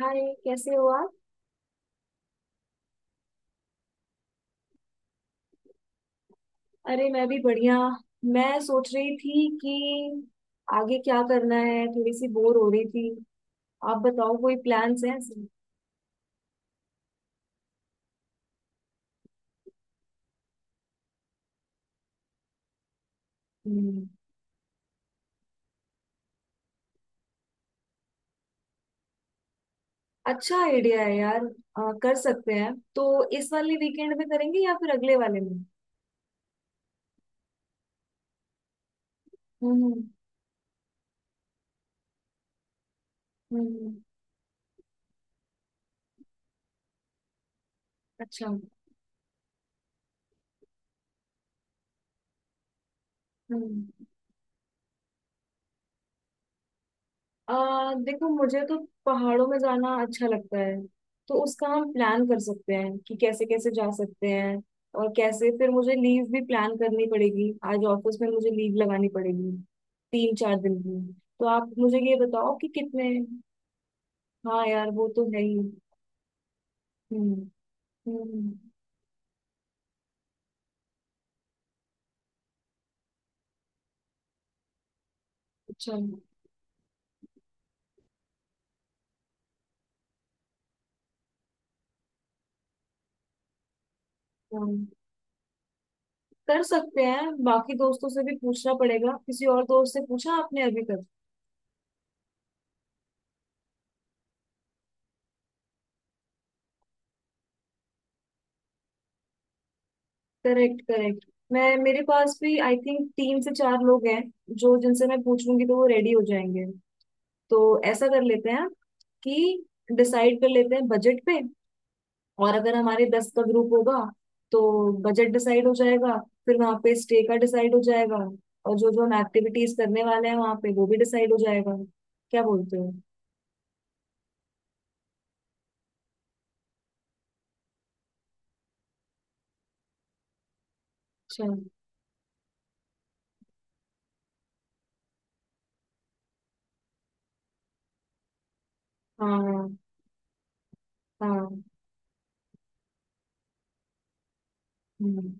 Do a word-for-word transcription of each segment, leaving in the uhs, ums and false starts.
हाय, कैसे हो आप? अरे, मैं भी बढ़िया। मैं सोच रही थी कि आगे क्या करना है, थोड़ी सी बोर हो रही थी। आप बताओ, कोई प्लान्स हैं? हम्म। अच्छा आइडिया है यार, अ, कर सकते हैं। तो इस वाले वीकेंड में करेंगे या फिर अगले वाले में? हम्म। हम्म। अच्छा। हम्म। आ, देखो, मुझे तो पहाड़ों में जाना अच्छा लगता है। तो उसका हम प्लान कर सकते हैं कि कैसे कैसे जा सकते हैं और कैसे। फिर मुझे लीव भी प्लान करनी पड़ेगी, आज ऑफिस में मुझे लीव लगानी पड़ेगी, तीन चार दिन की। तो आप मुझे ये बताओ कि कितने। हाँ यार, वो तो है ही। हम्म। हम्म। अच्छा। हाँ, कर सकते हैं। बाकी दोस्तों से भी पूछना पड़ेगा, किसी और दोस्त से पूछा आपने अभी तक? Correct, correct. मैं, मेरे पास भी आई थिंक तीन से चार लोग हैं जो, जिनसे मैं पूछ लूंगी तो वो रेडी हो जाएंगे। तो ऐसा कर लेते हैं कि डिसाइड कर लेते हैं बजट पे। और अगर हमारे दस का ग्रुप होगा तो बजट डिसाइड हो जाएगा, फिर वहाँ पे स्टे का डिसाइड हो जाएगा, और जो जो हम एक्टिविटीज करने वाले हैं वहाँ पे वो भी डिसाइड हो जाएगा। क्या बोलते हो? अच्छा। हाँ। हाँ। हाँ। हम्म।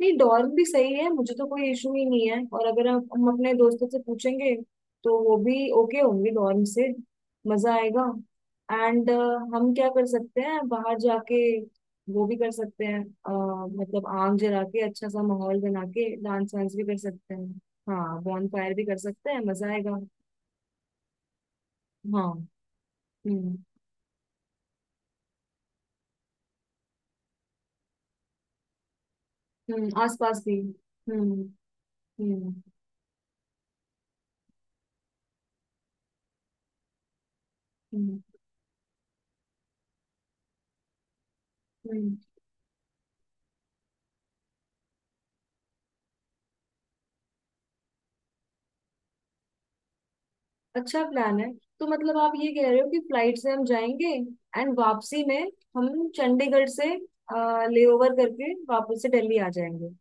नहीं, डॉर्म भी सही है, मुझे तो कोई इशू ही नहीं है। और अगर हम हम अपने दोस्तों से पूछेंगे तो वो भी ओके होंगे डॉर्म से। मजा आएगा। एंड, हम क्या कर सकते हैं बाहर जाके, वो भी कर सकते हैं। अ, मतलब, आग जला के अच्छा सा माहौल बना के डांस वांस भी कर सकते हैं। हाँ, बॉन फायर भी कर सकते हैं, मजा आएगा। हाँ। हम्म। हम्म, आस पास भी। हम्म। हम्म। हम्म। हम्म। अच्छा प्लान है। तो मतलब आप ये कह रहे हो कि फ्लाइट से हम जाएंगे, एंड वापसी में हम चंडीगढ़ से लेओवर करके वापस से दिल्ली आ जाएंगे?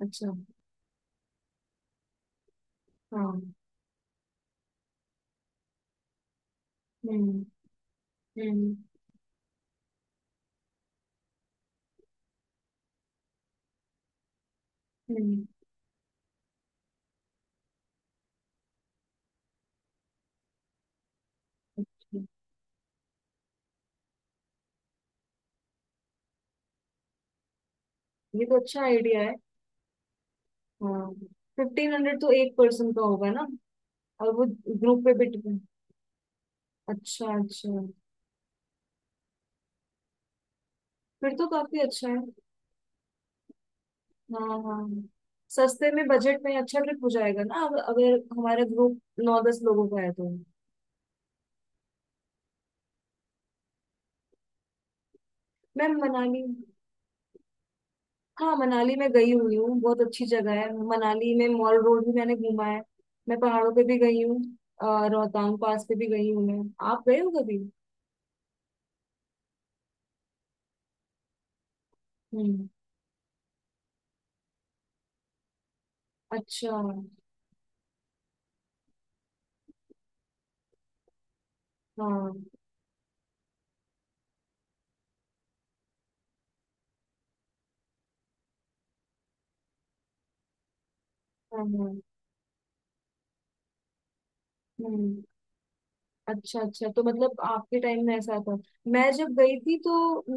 अच्छा। हाँ। हम्म। हम्म। हम्म। अच्छा, ये तो अच्छा आइडिया है। हाँ। फिफ्टीन हंड्रेड तो एक पर्सन का होगा ना, और वो ग्रुप पे भी depend- अच्छा अच्छा। फिर तो काफी अच्छा है। हाँ, हाँ। सस्ते में बजट में अच्छा ट्रिप हो जाएगा ना। अब अगर हमारा ग्रुप नौ दस लोगों का है तो। मैम मनाली। हाँ, मनाली में गई हुई हूँ, बहुत अच्छी जगह है। मनाली में मॉल रोड भी मैंने घूमा है, मैं पहाड़ों पे भी गई हूँ। अ, रोहतांग पास पे भी गई हूँ मैं। आप गए हो कभी? हम्म। अच्छा। हाँ। हाँ। हाँ, हम्म। अच्छा, अच्छा। तो मतलब आपके टाइम में ऐसा था। मैं जब गई थी तो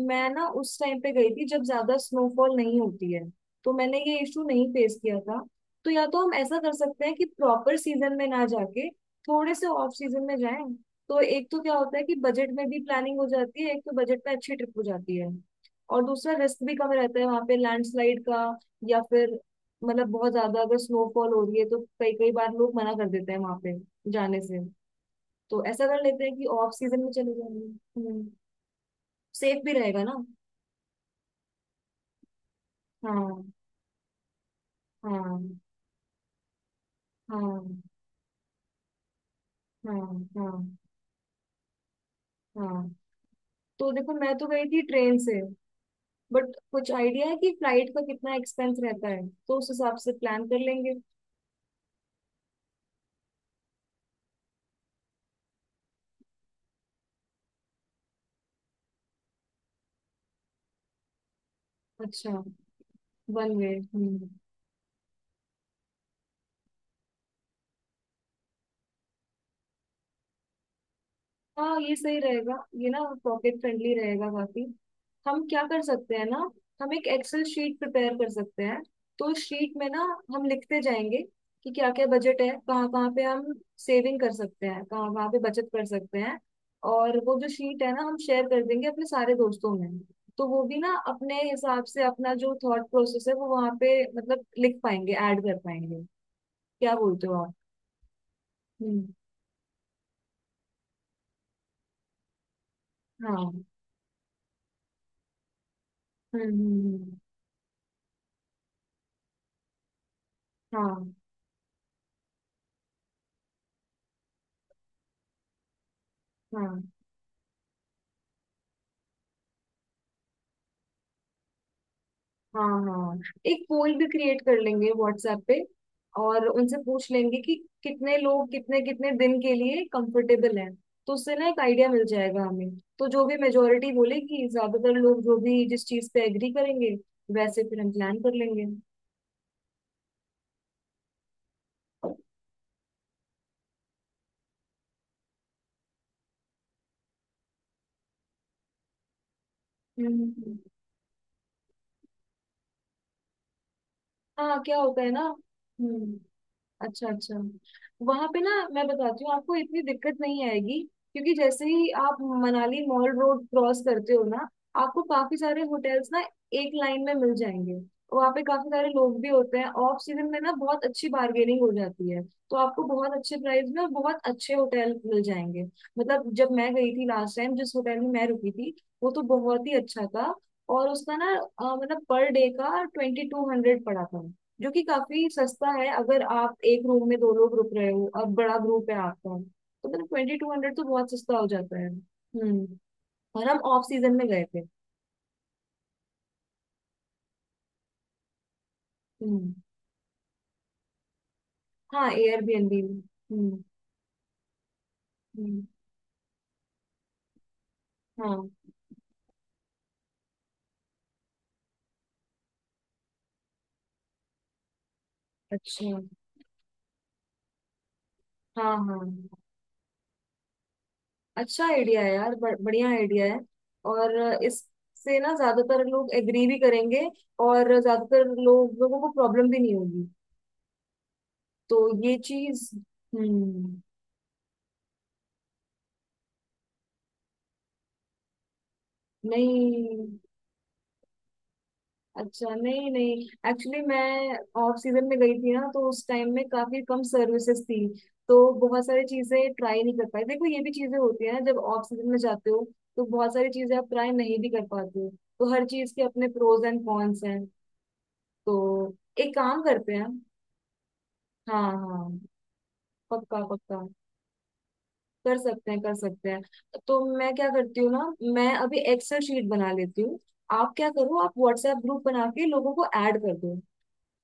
मैं ना उस टाइम पे गई थी जब ज्यादा स्नोफॉल नहीं होती है। तो मैंने ये इशू नहीं फेस किया था। तो या तो हम ऐसा कर सकते हैं कि प्रॉपर सीजन में ना जाके थोड़े से ऑफ सीजन में जाएं। तो एक तो क्या होता है कि बजट में भी प्लानिंग हो जाती है, एक तो बजट में अच्छी ट्रिप हो जाती है, और दूसरा रिस्क भी कम रहता है वहां पे लैंडस्लाइड का। या फिर मतलब बहुत ज्यादा अगर स्नोफॉल हो रही है तो कई कई बार लोग मना कर देते हैं वहां पे जाने से। तो ऐसा कर लेते हैं कि ऑफ सीजन में चले जाएंगे। हम्म। सेफ भी रहेगा ना। हाँ। हाँ। हाँ। हाँ। हाँ। हाँ। तो देखो, मैं तो गई थी ट्रेन से, बट कुछ आइडिया है कि फ्लाइट का कितना एक्सपेंस रहता है? तो उस हिसाब से प्लान कर लेंगे। अच्छा। One way. हाँ, ये सही रहेगा। ये ना पॉकेट फ्रेंडली रहेगा काफी। हम क्या कर सकते हैं ना, हम एक एक्सेल शीट प्रिपेयर कर सकते हैं। तो शीट में ना हम लिखते जाएंगे कि क्या क्या बजट है, कहाँ कहाँ पे हम सेविंग कर सकते हैं, कहाँ कहाँ पे बचत कर सकते हैं। और वो जो शीट है ना, हम शेयर कर देंगे अपने सारे दोस्तों में। तो वो भी ना अपने हिसाब से अपना जो थॉट प्रोसेस है वो वहाँ पे मतलब लिख पाएंगे, ऐड कर पाएंगे। क्या बोलते हो आप? हम्म। हाँ, हम्म। हम्म। हम्म, हाँ। हाँ। हाँ। हाँ। एक पोल भी क्रिएट कर लेंगे व्हाट्सएप पे, और उनसे पूछ लेंगे कि कितने लोग कितने कितने दिन के लिए कंफर्टेबल हैं। तो उससे ना एक आइडिया मिल जाएगा हमें। तो जो भी मेजोरिटी बोलेगी, ज्यादातर लोग जो भी जिस चीज पे एग्री करेंगे वैसे फिर हम प्लान कर लेंगे। हम्म। हम्म। हाँ, क्या होता है ना। हम्म। अच्छा, अच्छा। वहां पे ना, मैं बताती हूँ आपको, इतनी दिक्कत नहीं आएगी। क्योंकि जैसे ही आप मनाली मॉल रोड क्रॉस करते हो ना, आपको काफी सारे होटल्स ना एक लाइन में मिल जाएंगे। वहां पे काफी सारे लोग भी होते हैं, ऑफ सीजन में ना बहुत अच्छी बार्गेनिंग हो जाती है। तो आपको बहुत अच्छे प्राइस में और बहुत अच्छे होटल मिल जाएंगे। मतलब जब मैं गई थी लास्ट टाइम, जिस होटल में मैं रुकी थी वो तो बहुत ही अच्छा था। और उसका ना अ, मतलब पर डे का ट्वेंटी टू हंड्रेड पड़ा था, जो कि काफी सस्ता है। अगर आप एक रूम में दो लोग रुक रहे हो और बड़ा ग्रुप है आपका तो मतलब ट्वेंटी टू हंड्रेड तो बहुत सस्ता हो जाता है। हम्म। और हम ऑफ सीजन में गए थे। हम्म। हाँ, एयरबीएनबी में। हम्म। हम्म। हाँ। अच्छा। हाँ, हाँ। अच्छा आइडिया है यार, ब- बढ़िया आइडिया है। और इससे ना ज्यादातर लोग एग्री भी करेंगे, और ज्यादातर लोग, लोगों को प्रॉब्लम भी नहीं होगी। तो ये चीज। हम्म। नहीं। अच्छा, नहीं नहीं। एक्चुअली मैं ऑफ सीजन में गई थी ना, तो उस टाइम में काफी कम सर्विसेज थी। तो बहुत सारी चीजें ट्राई नहीं कर पाई। देखो, ये भी चीजें होती है ना, जब ऑफ सीजन में जाते हो तो बहुत सारी चीजें आप ट्राई नहीं भी कर पाते हो। तो हर चीज के अपने प्रोज एंड कॉन्स हैं। तो एक काम करते हैं। हाँ, हाँ, पक्का, पक्का। कर सकते हैं, कर सकते हैं। तो मैं क्या करती हूँ ना, मैं अभी एक्सेल शीट बना लेती हूँ। आप क्या करो, आप व्हाट्सएप ग्रुप बना के लोगों को ऐड कर दो।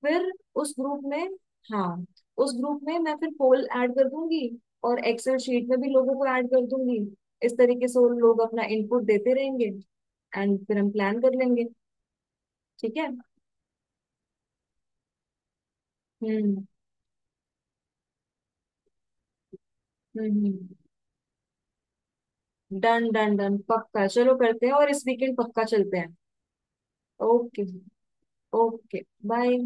फिर उस ग्रुप में। हाँ, उस ग्रुप में मैं फिर पोल ऐड कर दूंगी, और एक्सेल शीट में भी लोगों को ऐड कर दूंगी। इस तरीके से वो लोग अपना इनपुट देते रहेंगे एंड फिर हम प्लान कर लेंगे। ठीक है? Hmm. Hmm. Done, done, done, पक्का। चलो करते हैं, और इस वीकेंड पक्का चलते हैं। ओके। Okay, bye.